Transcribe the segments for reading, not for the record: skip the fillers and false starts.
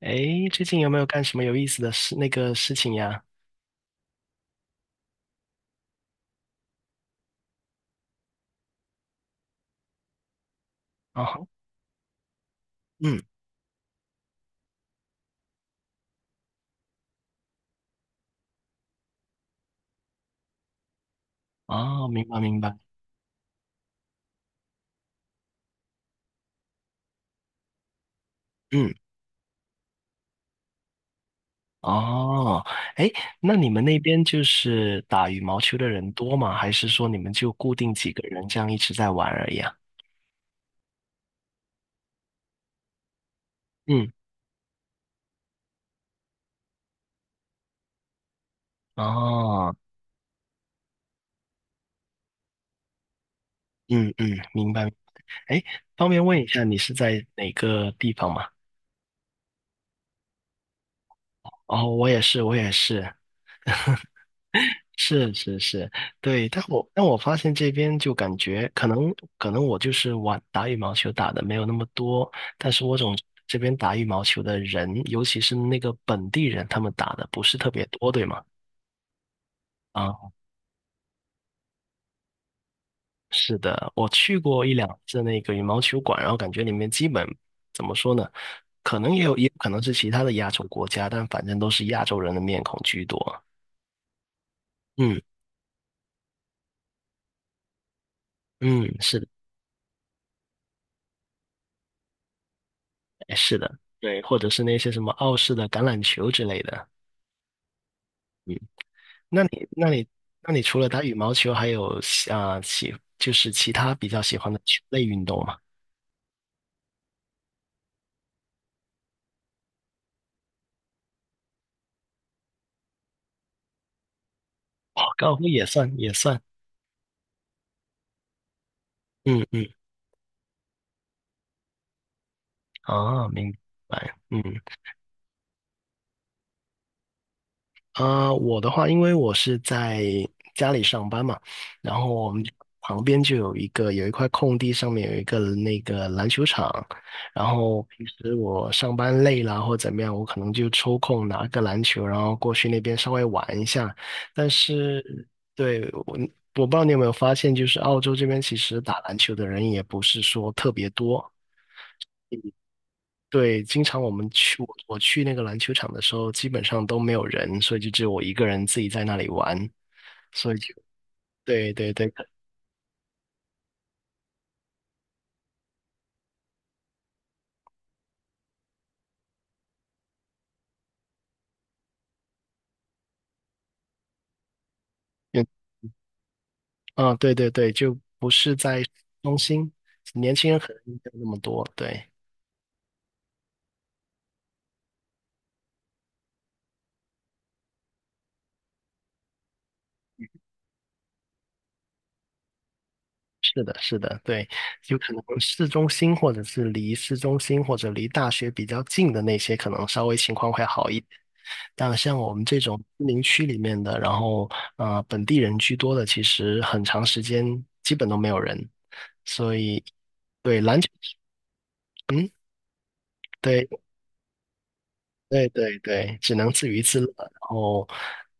诶，最近有没有干什么有意思的事，那个事情呀？哦，嗯，哦，明白明白，嗯，哦，诶，那你们那边就是打羽毛球的人多吗？还是说你们就固定几个人这样一直在玩而已啊？嗯，哦，嗯嗯，明白。诶，方便问一下你是在哪个地方吗？哦，我也是，我也是。是是是，对，但我发现这边就感觉可能我就是玩打羽毛球打的没有那么多，但是我总这边打羽毛球的人，尤其是那个本地人，他们打的不是特别多，对吗？啊，是的，我去过一两次那个羽毛球馆，然后感觉里面基本怎么说呢？可能也有可能是其他的亚洲国家，但反正都是亚洲人的面孔居多。嗯嗯，是的，哎是的，对，或者是那些什么澳式的橄榄球之类的。嗯，那你那你那你除了打羽毛球，还有喜啊喜就是其他比较喜欢的球类运动吗？哦，高尔夫也算也算，嗯嗯，哦，明白，我的话，因为我是在家里上班嘛，然后我们旁边就有一个有一块空地，上面有一个那个篮球场，然后平时我上班累了或怎么样，我可能就抽空拿个篮球，然后过去那边稍微玩一下。但是，对，我不知道你有没有发现，就是澳洲这边其实打篮球的人也不是说特别多，对，经常我们去我去那个篮球场的时候，基本上都没有人，所以就只有我一个人自己在那里玩，所以就对对对，嗯啊对对对，就不是在市中心，年轻人可能没有那么多，对，是的是的，对，有可能市中心或者是离市中心或者离大学比较近的那些，可能稍微情况会好一点。但像我们这种居民区里面的，然后本地人居多的，其实很长时间基本都没有人，所以对篮球，嗯。对。对对对，只能自娱自乐。然后，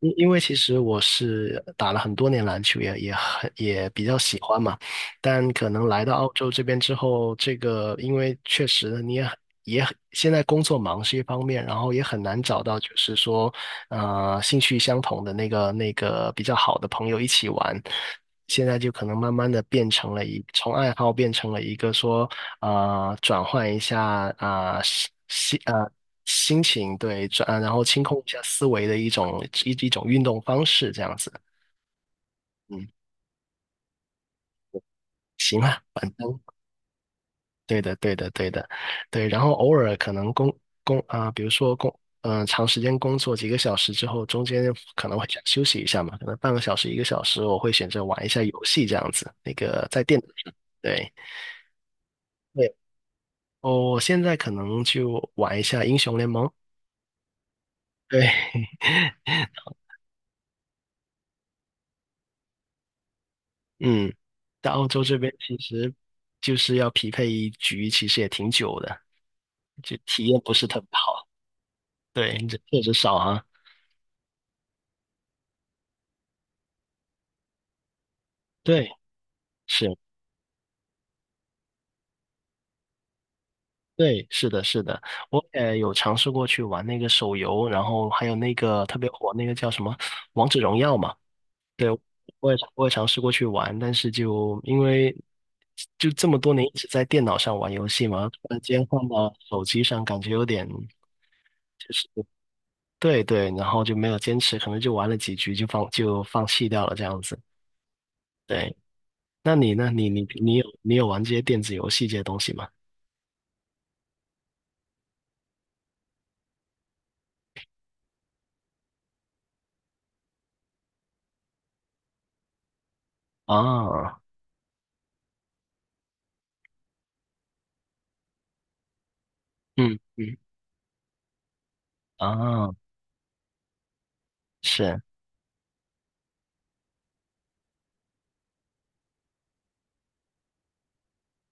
因为其实我是打了很多年篮球，也比较喜欢嘛。但可能来到澳洲这边之后，这个因为确实你也很现在工作忙是一方面，然后也很难找到就是说兴趣相同的那个比较好的朋友一起玩。现在就可能慢慢的变成了一，从爱好变成了一个说，转换一下啊，心情，对，转，然后清空一下思维的一种一种运动方式，这样子。嗯，行啊，反正对的，对的，对的，对。然后偶尔可能工工啊、比如说长时间工作几个小时之后，中间可能会想休息一下嘛，可能半个小时、一个小时，我会选择玩一下游戏这样子，那个在电脑上，对。对，我现在可能就玩一下英雄联盟。对，嗯，在澳洲这边其实就是要匹配一局，其实也挺久的，就体验不是特别好。对，这确实少啊。对，是，对，是的，是的，我也有尝试过去玩那个手游，然后还有那个特别火那个叫什么《王者荣耀》嘛。对，我也尝试过去玩，但是就因为就这么多年一直在电脑上玩游戏嘛，突然间放到手机上，感觉有点就是对对，然后就没有坚持，可能就玩了几局就放弃掉了这样子。对，那你呢？你有玩这些电子游戏这些东西吗？啊，嗯嗯啊，是，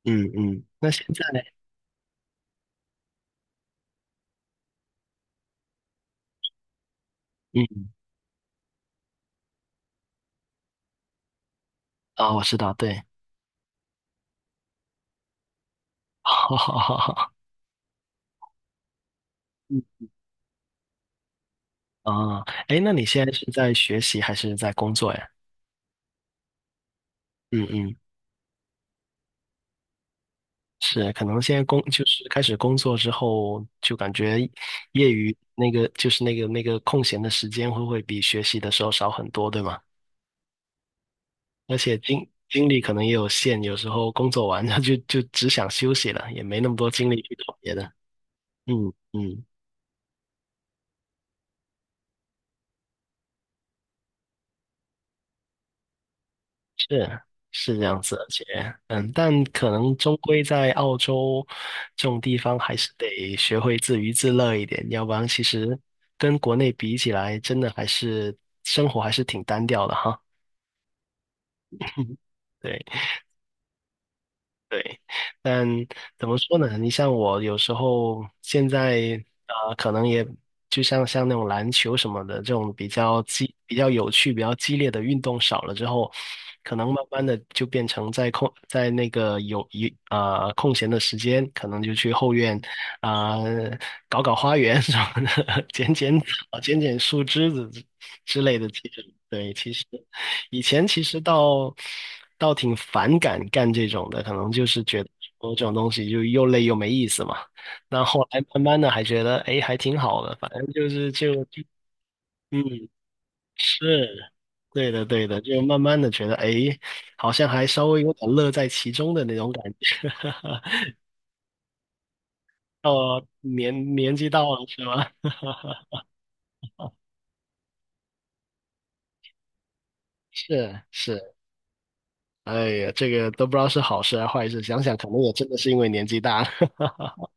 嗯嗯，那现在呢？嗯，啊，我知道，对，好好好好。啊，哎，那你现在是在学习还是在工作呀？嗯嗯，是，可能现在工就是开始工作之后，就感觉业余那个就是那个空闲的时间会不会比学习的时候少很多，对吗？而且精力可能也有限，有时候工作完 了就只想休息了，也没那么多精力去搞别的。嗯嗯。是是，这样子，而且嗯，但可能终归在澳洲这种地方，还是得学会自娱自乐一点，要不然其实跟国内比起来，真的还是生活还是挺单调的哈。对。对，但怎么说呢？你像我有时候现在可能也就像那种篮球什么的这种比较激、比较有趣、比较激烈的运动少了之后，可能慢慢的就变成在那个有空闲的时间，可能就去后院啊、呃搞搞花园 什么的，剪剪草、剪剪树枝子之类的。其实对，其实。以前其实倒挺反感干这种的，可能就是觉得说这种东西就又累又没意思嘛。那后来慢慢的还觉得，哎，还挺好的，反正就是就就嗯，是对的对的，就慢慢的觉得，哎，好像还稍微有点乐在其中的那种感觉。到年纪到了是吧？是是，哎呀，这个都不知道是好事还是坏事，想想可能也真的是因为年纪大了。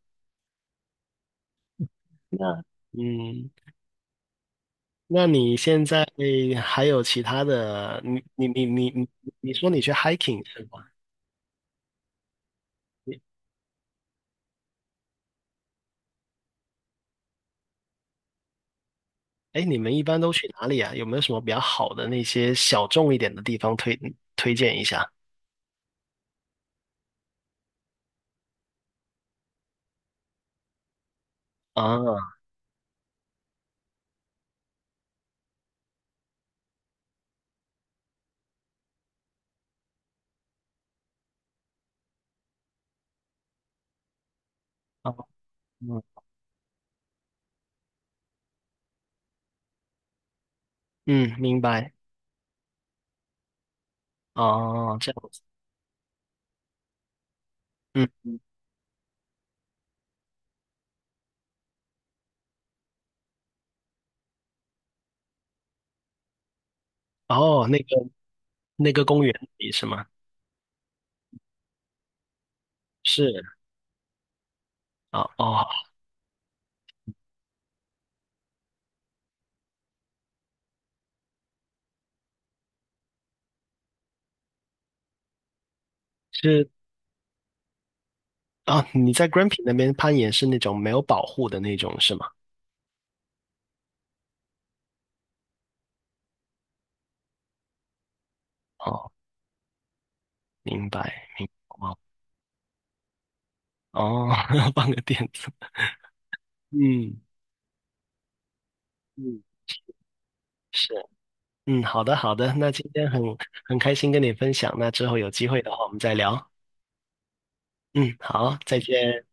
那嗯。那你现在还有其他的？你说你去 hiking 是吗？你哎，你们一般都去哪里啊？有没有什么比较好的那些小众一点的地方推荐一下？啊啊嗯嗯，明白哦，这样子嗯嗯哦，那个公园里是吗？是啊哦是啊，你在 Grampi 那边攀岩是那种没有保护的那种是吗？哦，明白明白哦，哦 放个垫子。嗯，嗯，是，嗯，好的，好的，那今天很开心跟你分享，那之后有机会的话我们再聊。嗯，好，再见。